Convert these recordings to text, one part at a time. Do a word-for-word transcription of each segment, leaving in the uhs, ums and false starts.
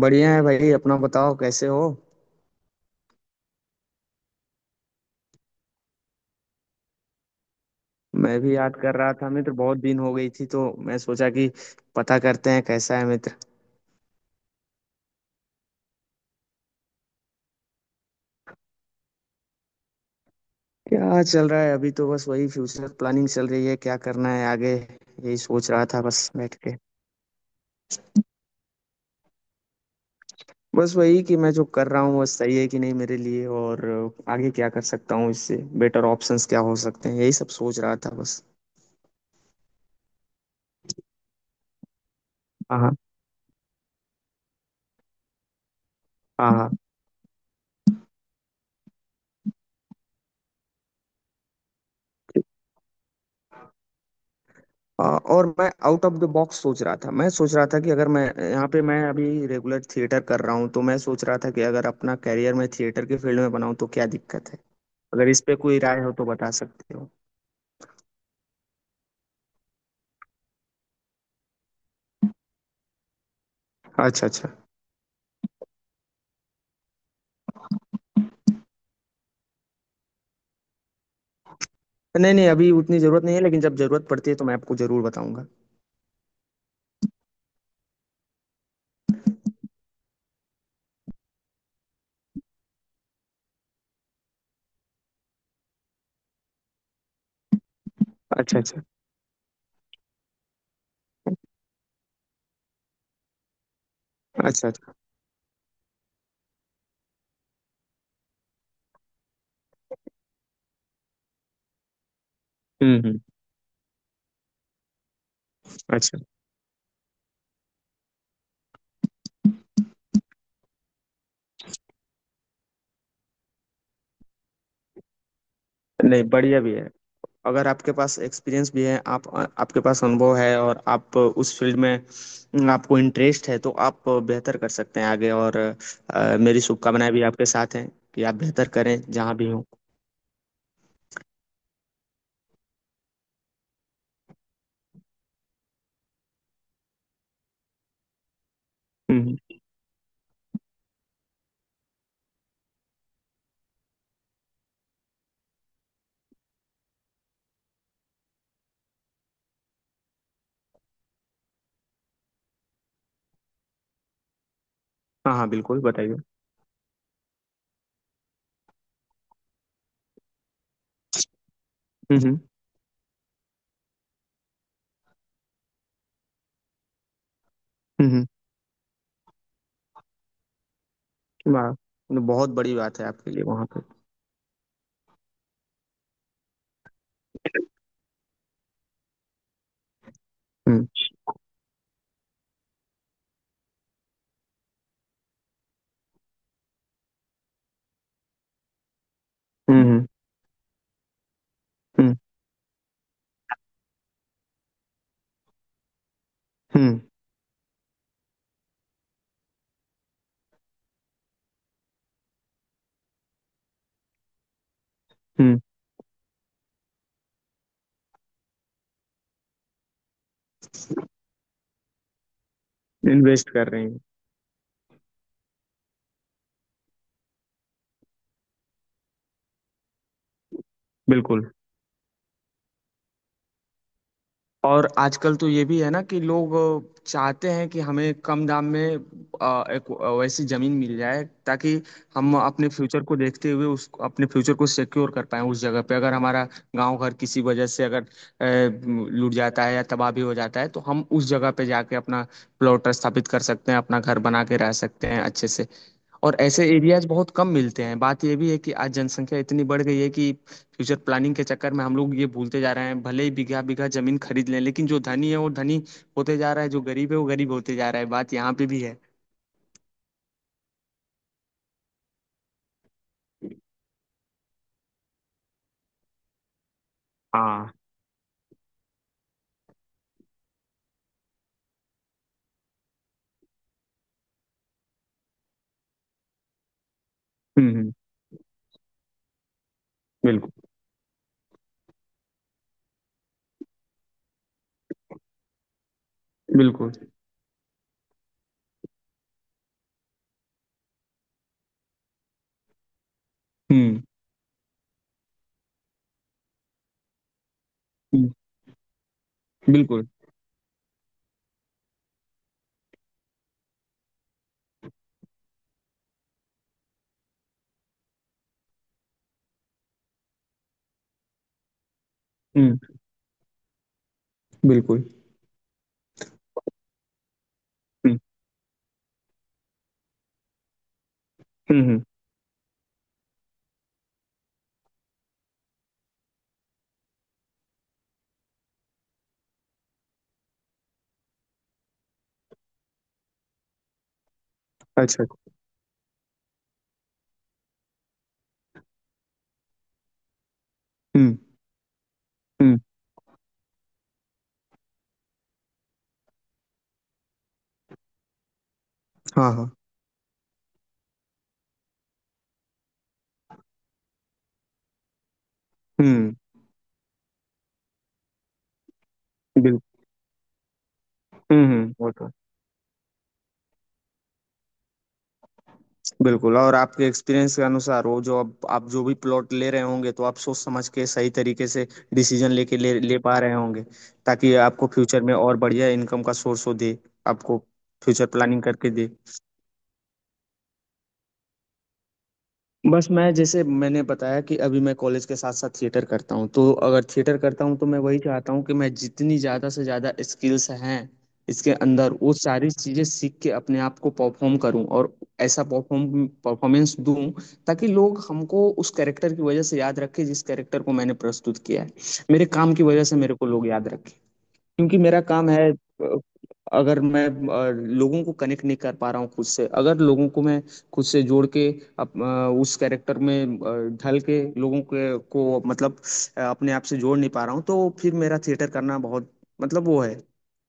बढ़िया है भाई। अपना बताओ कैसे हो? मैं भी याद कर रहा था मित्र। बहुत दिन हो गई थी तो मैं सोचा कि पता करते हैं कैसा है मित्र। क्या चल रहा है? अभी तो बस वही फ्यूचर प्लानिंग चल रही है। क्या करना है आगे, यही सोच रहा था बस बैठ के। बस वही कि मैं जो कर रहा हूँ वो सही है कि नहीं मेरे लिए, और आगे क्या कर सकता हूँ, इससे बेटर ऑप्शंस क्या हो सकते हैं, यही सब सोच रहा था बस। हाँ हाँ। हाँ हाँ। आ, और मैं आउट ऑफ द बॉक्स सोच रहा था। मैं सोच रहा था कि अगर मैं यहाँ पे मैं अभी रेगुलर थिएटर कर रहा हूँ, तो मैं सोच रहा था कि अगर अपना करियर मैं थिएटर के फील्ड में बनाऊँ तो क्या दिक्कत है। अगर इस पे कोई राय हो तो बता सकते हो। अच्छा अच्छा। नहीं नहीं, अभी उतनी जरूरत नहीं है, लेकिन जब जरूरत पड़ती है तो मैं आपको जरूर बताऊंगा। अच्छा अच्छा। अच्छा अच्छा। हम्म। हम्म। अच्छा। नहीं, बढ़िया भी है। अगर आपके पास एक्सपीरियंस भी है, आप आपके पास अनुभव है और आप उस फील्ड में, आपको इंटरेस्ट है, तो आप बेहतर कर सकते हैं आगे। और अ, मेरी शुभकामनाएं भी आपके साथ हैं कि आप बेहतर करें जहां भी हो। हम्म। हाँ हाँ, बिल्कुल बताइए। हम्म। हम्म। हम्म। वाह। ये बहुत बड़ी बात है आपके लिए वहां पे। हम्म। हम्म। हम्म। हम्म। इन्वेस्ट कर रहे हैं। बिल्कुल। और आजकल तो ये भी है ना कि लोग चाहते हैं कि हमें कम दाम में अ, एक वैसी जमीन मिल जाए, ताकि हम अपने फ्यूचर को देखते हुए उस अपने फ्यूचर को सिक्योर कर पाएं उस जगह पे। अगर हमारा गांव घर किसी वजह से अगर अ, लूट जाता है या तबाही हो जाता है, तो हम उस जगह पे जाके अपना प्लॉट स्थापित कर सकते हैं, अपना घर बना के रह सकते हैं अच्छे से। और ऐसे एरियाज बहुत कम मिलते हैं। बात यह भी है कि आज जनसंख्या इतनी बढ़ गई है कि फ्यूचर प्लानिंग के चक्कर में हम लोग ये भूलते जा रहे हैं, भले ही बीघा बीघा जमीन खरीद लें। लेकिन जो धनी है वो धनी होते जा रहा है, जो गरीब है वो गरीब होते जा रहा है। बात यहाँ पे भी है। हाँ। हम्म। हम्म। बिल्कुल बिल्कुल। हम्म। हम्म। बिल्कुल। हम्म। बिल्कुल। हम्म। हम्म। हम्म। अच्छा। हम्म। हम्म। हाँ हाँ। हम्म। बिल्कुल। हम्म। हम्म। वो तो। बिल्कुल। और आपके एक्सपीरियंस के अनुसार, वो जो अब आप जो भी प्लॉट ले रहे होंगे, तो आप सोच समझ के सही तरीके से डिसीजन लेके ले ले पा रहे होंगे, ताकि आपको फ्यूचर में और बढ़िया इनकम का सोर्स हो दे आपको, फ्यूचर प्लानिंग करके दे। बस, मैं जैसे मैंने बताया कि अभी मैं कॉलेज के साथ साथ थिएटर करता हूँ, तो अगर थिएटर करता हूँ तो मैं वही चाहता हूँ कि मैं, जितनी ज़्यादा से ज़्यादा स्किल्स हैं इसके अंदर, वो सारी चीज़ें सीख के अपने आप को परफॉर्म करूँ, और ऐसा परफॉर्म परफॉर्मेंस दूँ, ताकि लोग हमको उस कैरेक्टर की वजह से याद रखें जिस कैरेक्टर को मैंने प्रस्तुत किया है। मेरे काम की वजह से मेरे को लोग याद रखें। क्योंकि मेरा काम है, अ, अगर मैं अ, लोगों को कनेक्ट नहीं कर पा रहा हूँ खुद से, अगर लोगों को मैं खुद से जोड़ के, अप, अ, उस कैरेक्टर में अ, ढल के, लोगों के को मतलब अ, अपने आप से जोड़ नहीं पा रहा हूँ, तो फिर मेरा थिएटर करना बहुत, मतलब वो है,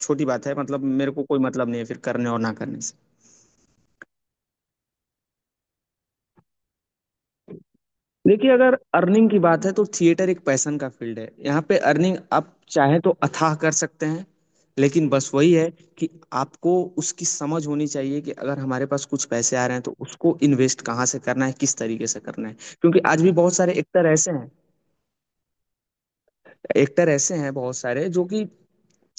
छोटी बात है। मतलब मेरे को कोई मतलब नहीं है फिर, करने और ना करने से। देखिए, अगर अर्निंग की बात है तो थिएटर एक पैशन का फील्ड है। यहाँ पे अर्निंग आप चाहे तो अथाह कर सकते हैं। लेकिन बस वही है कि आपको उसकी समझ होनी चाहिए कि अगर हमारे पास कुछ पैसे आ रहे हैं, तो उसको इन्वेस्ट कहाँ से करना है, किस तरीके से करना है। क्योंकि आज भी बहुत सारे एक्टर ऐसे हैं एक्टर ऐसे हैं बहुत सारे, जो कि,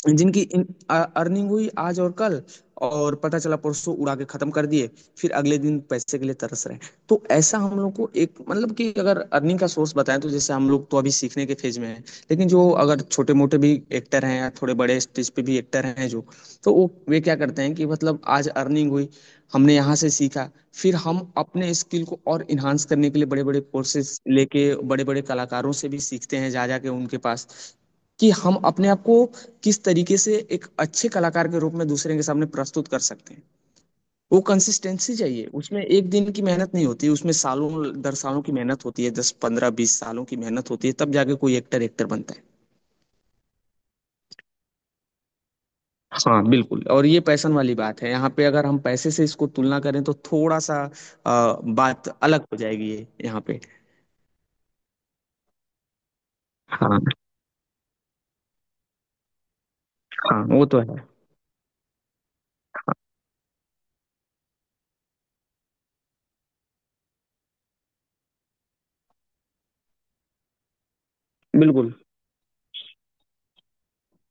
जिनकी इन, अ- अर्निंग हुई आज और कल, और पता चला परसों उड़ा के खत्म कर दिए। फिर अगले दिन पैसे के लिए तरस रहे हैं। तो ऐसा हम लोग को एक, मतलब कि अगर अर्निंग का सोर्स बताएं, तो जैसे हम लोग तो अभी सीखने के फेज में हैं। लेकिन जो अगर छोटे मोटे भी एक्टर हैं या थोड़े बड़े स्टेज पे भी एक्टर हैं, जो, तो वो वे क्या करते हैं कि मतलब आज अर्निंग हुई, हमने यहाँ से सीखा। फिर हम अपने स्किल को और इन्हांस करने के लिए बड़े बड़े कोर्सेज लेके बड़े बड़े कलाकारों से भी सीखते हैं जा जा के उनके पास, कि हम अपने आप को किस तरीके से एक अच्छे कलाकार के रूप में दूसरे के सामने प्रस्तुत कर सकते हैं। वो कंसिस्टेंसी चाहिए उसमें। एक दिन की मेहनत नहीं होती उसमें, सालों दर सालों की मेहनत होती है। दस पंद्रह बीस सालों की मेहनत होती है, तब जाके कोई एक्टर एक्टर बनता है। हाँ बिल्कुल। और ये पैसन वाली बात है। यहाँ पे अगर हम पैसे से इसको तुलना करें तो थोड़ा सा आ, बात अलग हो जाएगी ये यहाँ पे। हाँ हाँ, वो तो है हाँ। बिल्कुल।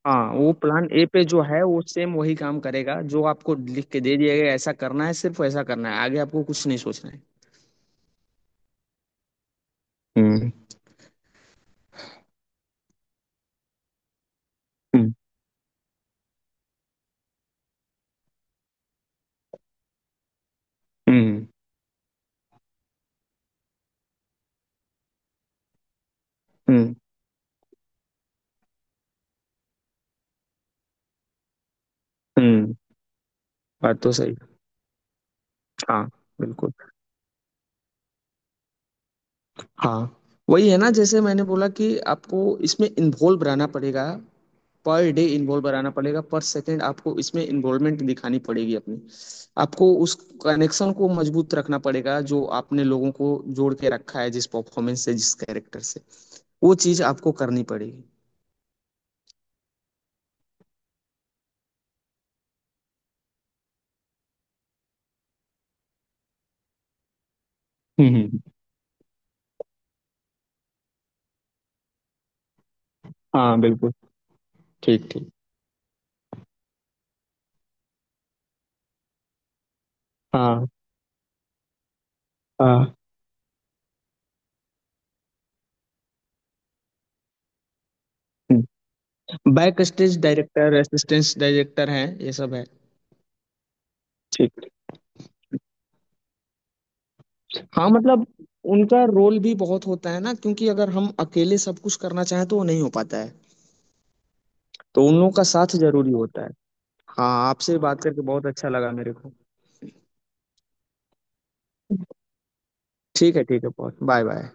हाँ, वो प्लान ए पे जो है वो सेम वही काम करेगा जो आपको लिख के दे दिया गया है, ऐसा करना है, सिर्फ ऐसा करना है, आगे आपको कुछ नहीं सोचना है। हुँ। हुँ। हुँ। हुँ। हुँ। बात तो सही। हाँ, बिल्कुल। हाँ, वही है ना। जैसे मैंने बोला कि आपको इसमें इन्वॉल्व रहना पड़ेगा, पर डे इन्वॉल्व रहना पड़ेगा, पर सेकंड आपको इसमें इन्वॉल्वमेंट दिखानी पड़ेगी अपनी। आपको उस कनेक्शन को मजबूत रखना पड़ेगा जो आपने लोगों को जोड़ के रखा है, जिस परफॉर्मेंस से, जिस कैरेक्टर से। वो चीज़ आपको करनी पड़ेगी। हुँ। हुँ। हाँ, बिल्कुल। ठीक, ठीक। हाँ, हाँ। हुँ। Back stage director, assistant director हैं, ये सब है। ठीक। हाँ मतलब, उनका रोल भी बहुत होता है ना, क्योंकि अगर हम अकेले सब कुछ करना चाहें तो वो नहीं हो पाता है। तो उन लोगों का साथ जरूरी होता है। हाँ, आपसे बात करके बहुत अच्छा लगा मेरे को। ठीक है, ठीक है, बहुत। Bye bye.